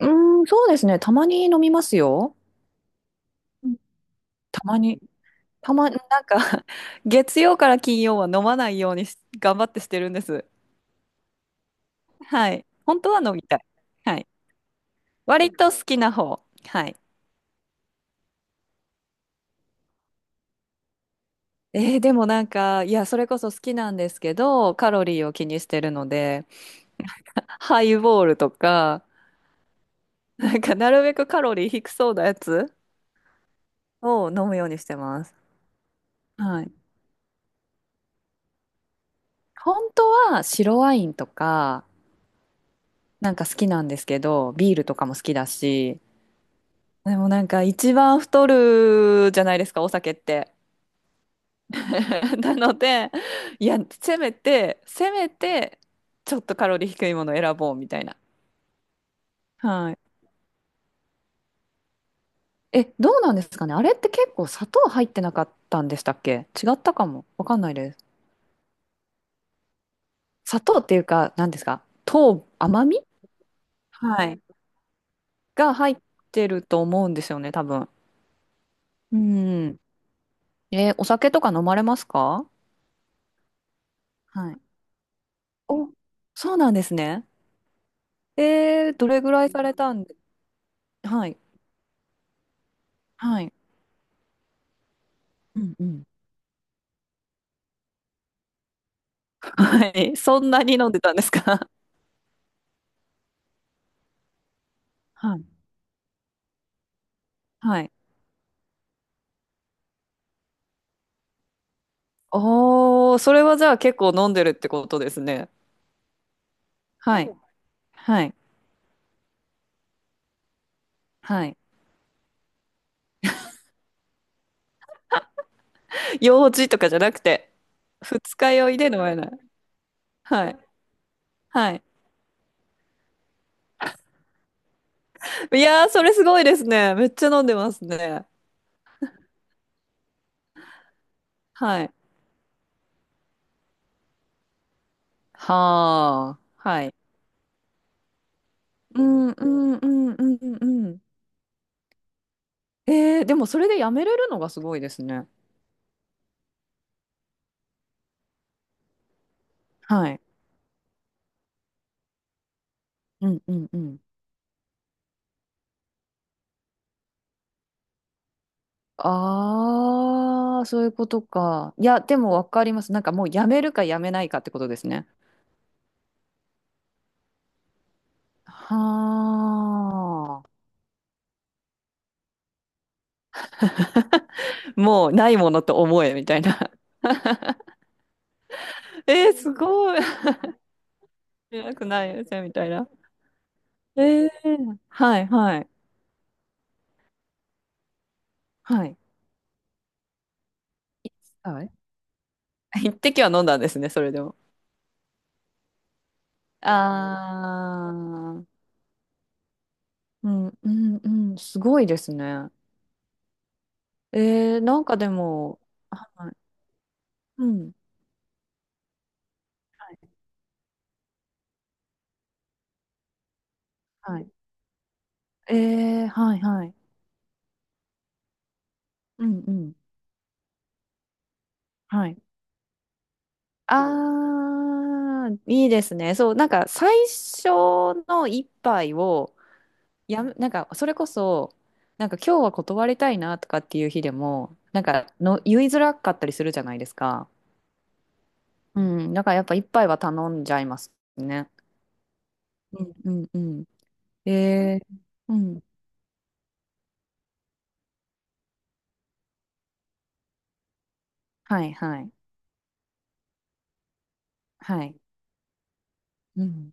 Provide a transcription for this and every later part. うーん、そうですね。たまに飲みますよ。うん。たまに。なんか 月曜から金曜は飲まないようにし頑張ってしてるんです。はい。本当は飲みたい。はい。割と好きな方。はい。でもなんか、いや、それこそ好きなんですけど、カロリーを気にしてるので、ハイボールとか、なんか、なるべくカロリー低そうなやつを飲むようにしてます。はい。本当は白ワインとか、なんか好きなんですけど、ビールとかも好きだし、でもなんか一番太るじゃないですか、お酒って。なので、いや、せめて、ちょっとカロリー低いものを選ぼうみたいな。はい。どうなんですかね。あれって結構砂糖入ってなかったんでしたっけ違ったかも。わかんないです。砂糖っていうか、何ですか、糖、甘み、はい、が入ってると思うんですよね、多分。うん。え、お酒とか飲まれますか？はい。お、そうなんですね。どれぐらいされたんで、はい、はい、うんうん。はい。そんなに飲んでたんですか？はい。はい。おー、それはじゃあ結構飲んでるってことですね。はい、はい、はい。用事とかじゃなくて、二日酔いで飲めない。はい、はい。いやー、それすごいですね。めっちゃ飲んでますね。はい。はあ、はい。うん、うん、うん、うん、うん。でもそれでやめれるのがすごいですね。はい。うんうんうん。ああ、そういうことか。いや、でもわかります。なんかもうやめるかやめないかってことですね。はあ。もうないものと思えみたいな。えー、すごい。なくないよじゃあみたいな。えー、はいはいはい。はい。一滴は飲んだんですね、それでも。ああ、うんうんうん、すごいですね。えー、なんかでも、はい、うん。はいはいええはいはい。うんうん。はい。あー、いいですね。そう、なんか最初の一杯を、なんかそれこそ、なんか今日は断りたいなとかっていう日でも、なんかの言いづらかったりするじゃないですか。うん、だからやっぱ一杯は頼んじゃいますね。うんうんうん。えー、うん。はいはい。はい。うん。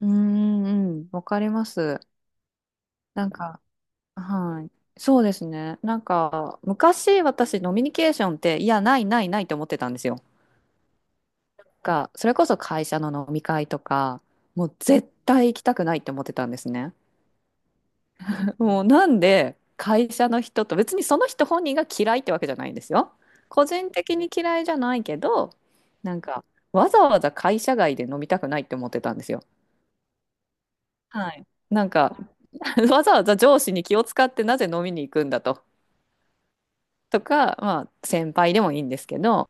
うーん、うん、わかります。なんか、はい。そうですね。なんか、昔私、ノミニケーションって、いや、ないないないって思ってたんですよ。が、それこそ会社の飲み会とか、もう絶対行きたくないって思ってたんですね。もうなんで、会社の人と、別にその人本人が嫌いってわけじゃないんですよ。個人的に嫌いじゃないけど、なんか、わざわざ会社外で飲みたくないって思ってたんですよ。はい。なんか わざわざ上司に気を使ってなぜ飲みに行くんだと。とか、まあ、先輩でもいいんですけど、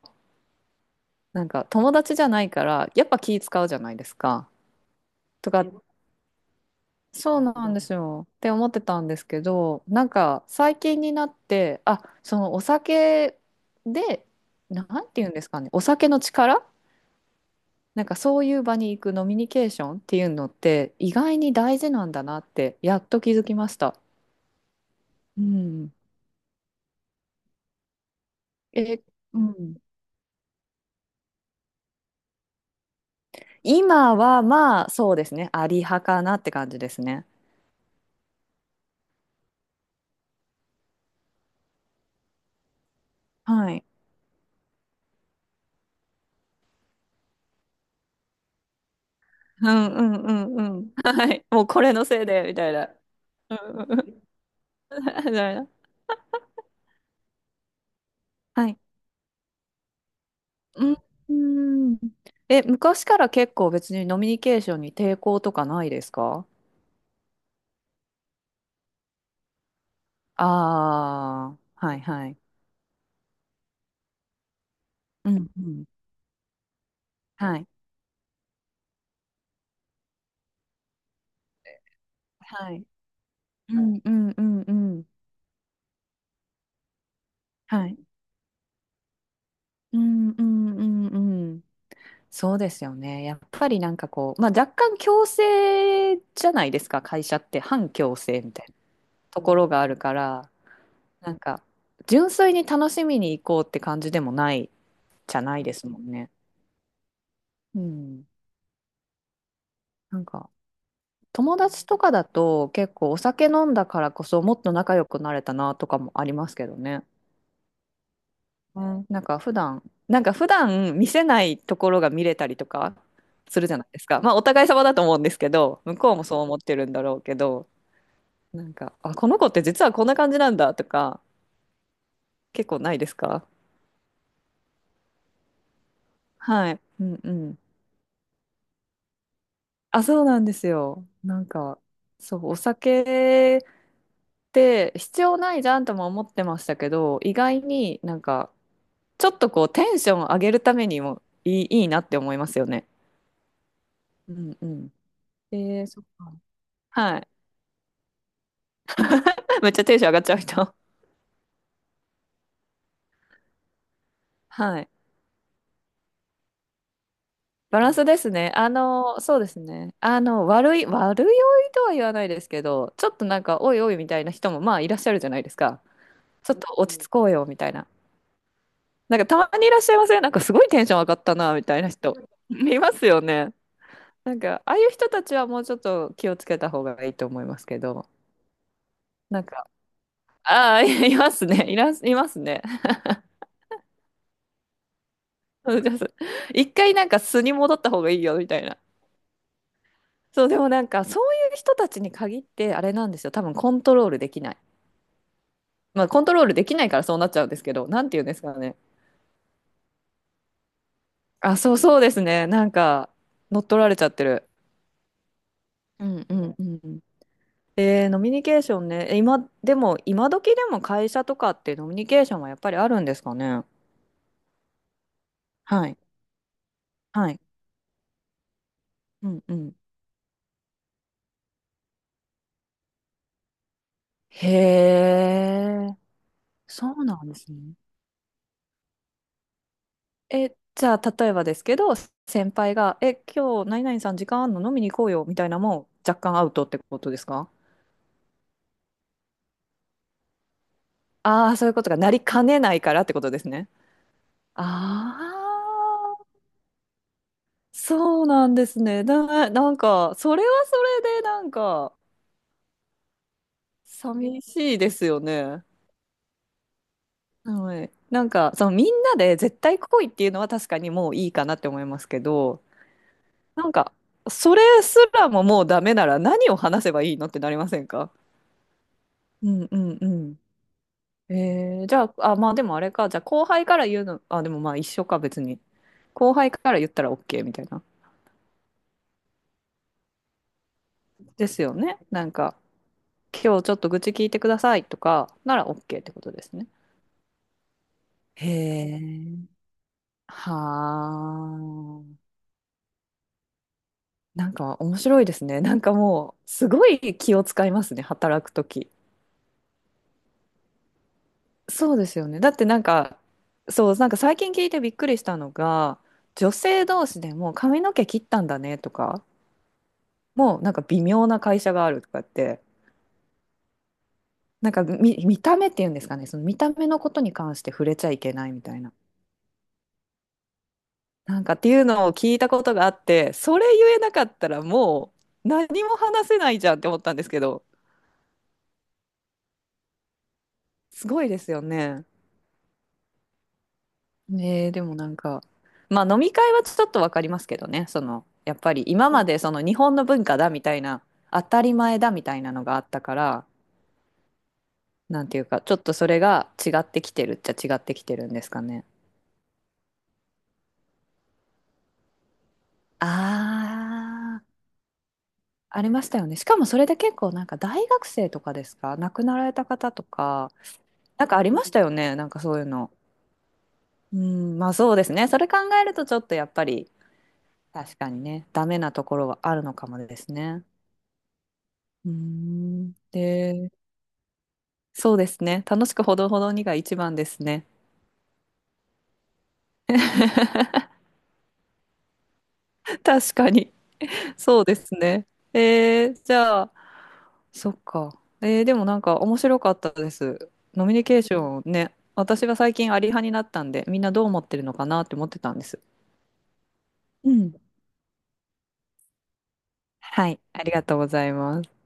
なんか友達じゃないからやっぱ気使うじゃないですか。とかそうなんですよって思ってたんですけど、なんか最近になって、あ、そのお酒で、なんて言うんですかね、お酒の力、なんかそういう場に行くノミニケーションっていうのって意外に大事なんだなってやっと気づきました。うん、え、うん、今はまあそうですねありはかなって感じですね。はいうんうんうんうん。はい。もうこれのせいで、みたいな。うんうんうん。みたいな。はい。うんうん。昔から結構別にノミニケーションに抵抗とかないですか？ああー、はいはい。うんうん。はい。はい。うんうんうんうん。はい。うんうんうんうん。そうですよね。やっぱりなんかこう、まあ若干強制じゃないですか、会社って。反強制みたいなところがあるから。なんか、純粋に楽しみに行こうって感じでもないじゃないですもんね。うん。なんか、友達とかだと結構お酒飲んだからこそもっと仲良くなれたなとかもありますけどね。うん、なんか普段見せないところが見れたりとかするじゃないですか。まあお互い様だと思うんですけど、向こうもそう思ってるんだろうけど、なんか、あ、この子って実はこんな感じなんだとか結構ないですか？はい。うんうん。あ、そうなんですよ。なんか、そう、お酒って必要ないじゃんとも思ってましたけど、意外になんか、ちょっとこう、テンション上げるためにもいいなって思いますよね。うんうん。えー、そっか。はい。めっちゃテンション上がっちゃう人。はい。バランスですね。そうですね。悪酔いとは言わないですけど、ちょっとなんか、おいおいみたいな人もまあいらっしゃるじゃないですか。ちょっと落ち着こうよみたいな。なんかたまにいらっしゃいません？なんかすごいテンション上がったな、みたいな人。いますよね。なんか、ああいう人たちはもうちょっと気をつけた方がいいと思いますけど。なんか、ああ、いいますね。いますね。そうです。一回なんか素に戻った方がいいよ、みたいな。そう、でもなんか、そういう人たちに限って、あれなんですよ。多分コントロールできない。まあ、コントロールできないからそうなっちゃうんですけど、なんて言うんですかね。あ、そうそうですね。なんか、乗っ取られちゃってる。うんうんうん。えー、ノミニケーションね。今、でも、今時でも会社とかってノミニケーションはやっぱりあるんですかね。はい。はい。うんうん。へえ、そうなんですね。じゃあ、例えばですけど、先輩が、今日、何々さん時間あんの飲みに行こうよ、みたいなのも若干アウトってことですか？ああー、そういうことがなりかねないからってことですね。ああ、そうなんですね。なんか、それはそれで、なんか、寂しいですよね。はい。なんか、そのみんなで絶対来いっていうのは確かにもういいかなって思いますけど、なんか、それすらももうダメなら何を話せばいいのってなりませんか？うんうんうん。じゃあ、あ、まあでもあれか、じゃあ後輩から言うの、あ、でもまあ一緒か別に。後輩から言ったら OK みたいな。ですよね。なんか、今日ちょっと愚痴聞いてくださいとかなら OK ってことですね。へえ。はあ。なんか面白いですね。なんかもう、すごい気を使いますね、働くとき。そうですよね。だってなんか、そう、なんか最近聞いてびっくりしたのが、女性同士でも髪の毛切ったんだねとか、もうなんか微妙な会社があるとかって、なんか見た目っていうんですかね、その見た目のことに関して触れちゃいけないみたいな。なんかっていうのを聞いたことがあって、それ言えなかったらもう何も話せないじゃんって思ったんですけど、すごいですよね。ねえ、でもなんか、まあ飲み会はちょっとわかりますけどね、その、やっぱり今までその日本の文化だみたいな、当たり前だみたいなのがあったから、なんていうか、ちょっとそれが違ってきてるっちゃ違ってきてるんですかね。ああ、ありましたよね。しかもそれで結構なんか大学生とかですか、亡くなられた方とか、なんかありましたよね、なんかそういうの。うん、まあそうですね。それ考えるとちょっとやっぱり、確かにね、ダメなところはあるのかもですね。うーん。で、そうですね。楽しくほどほどにが一番ですね。確かに。そうですね。じゃあ、そっか。でもなんか面白かったです。ノミニケーションね。私は最近アリ派になったんで、みんなどう思ってるのかなって思ってたんです。うん。はい、ありがとうございます。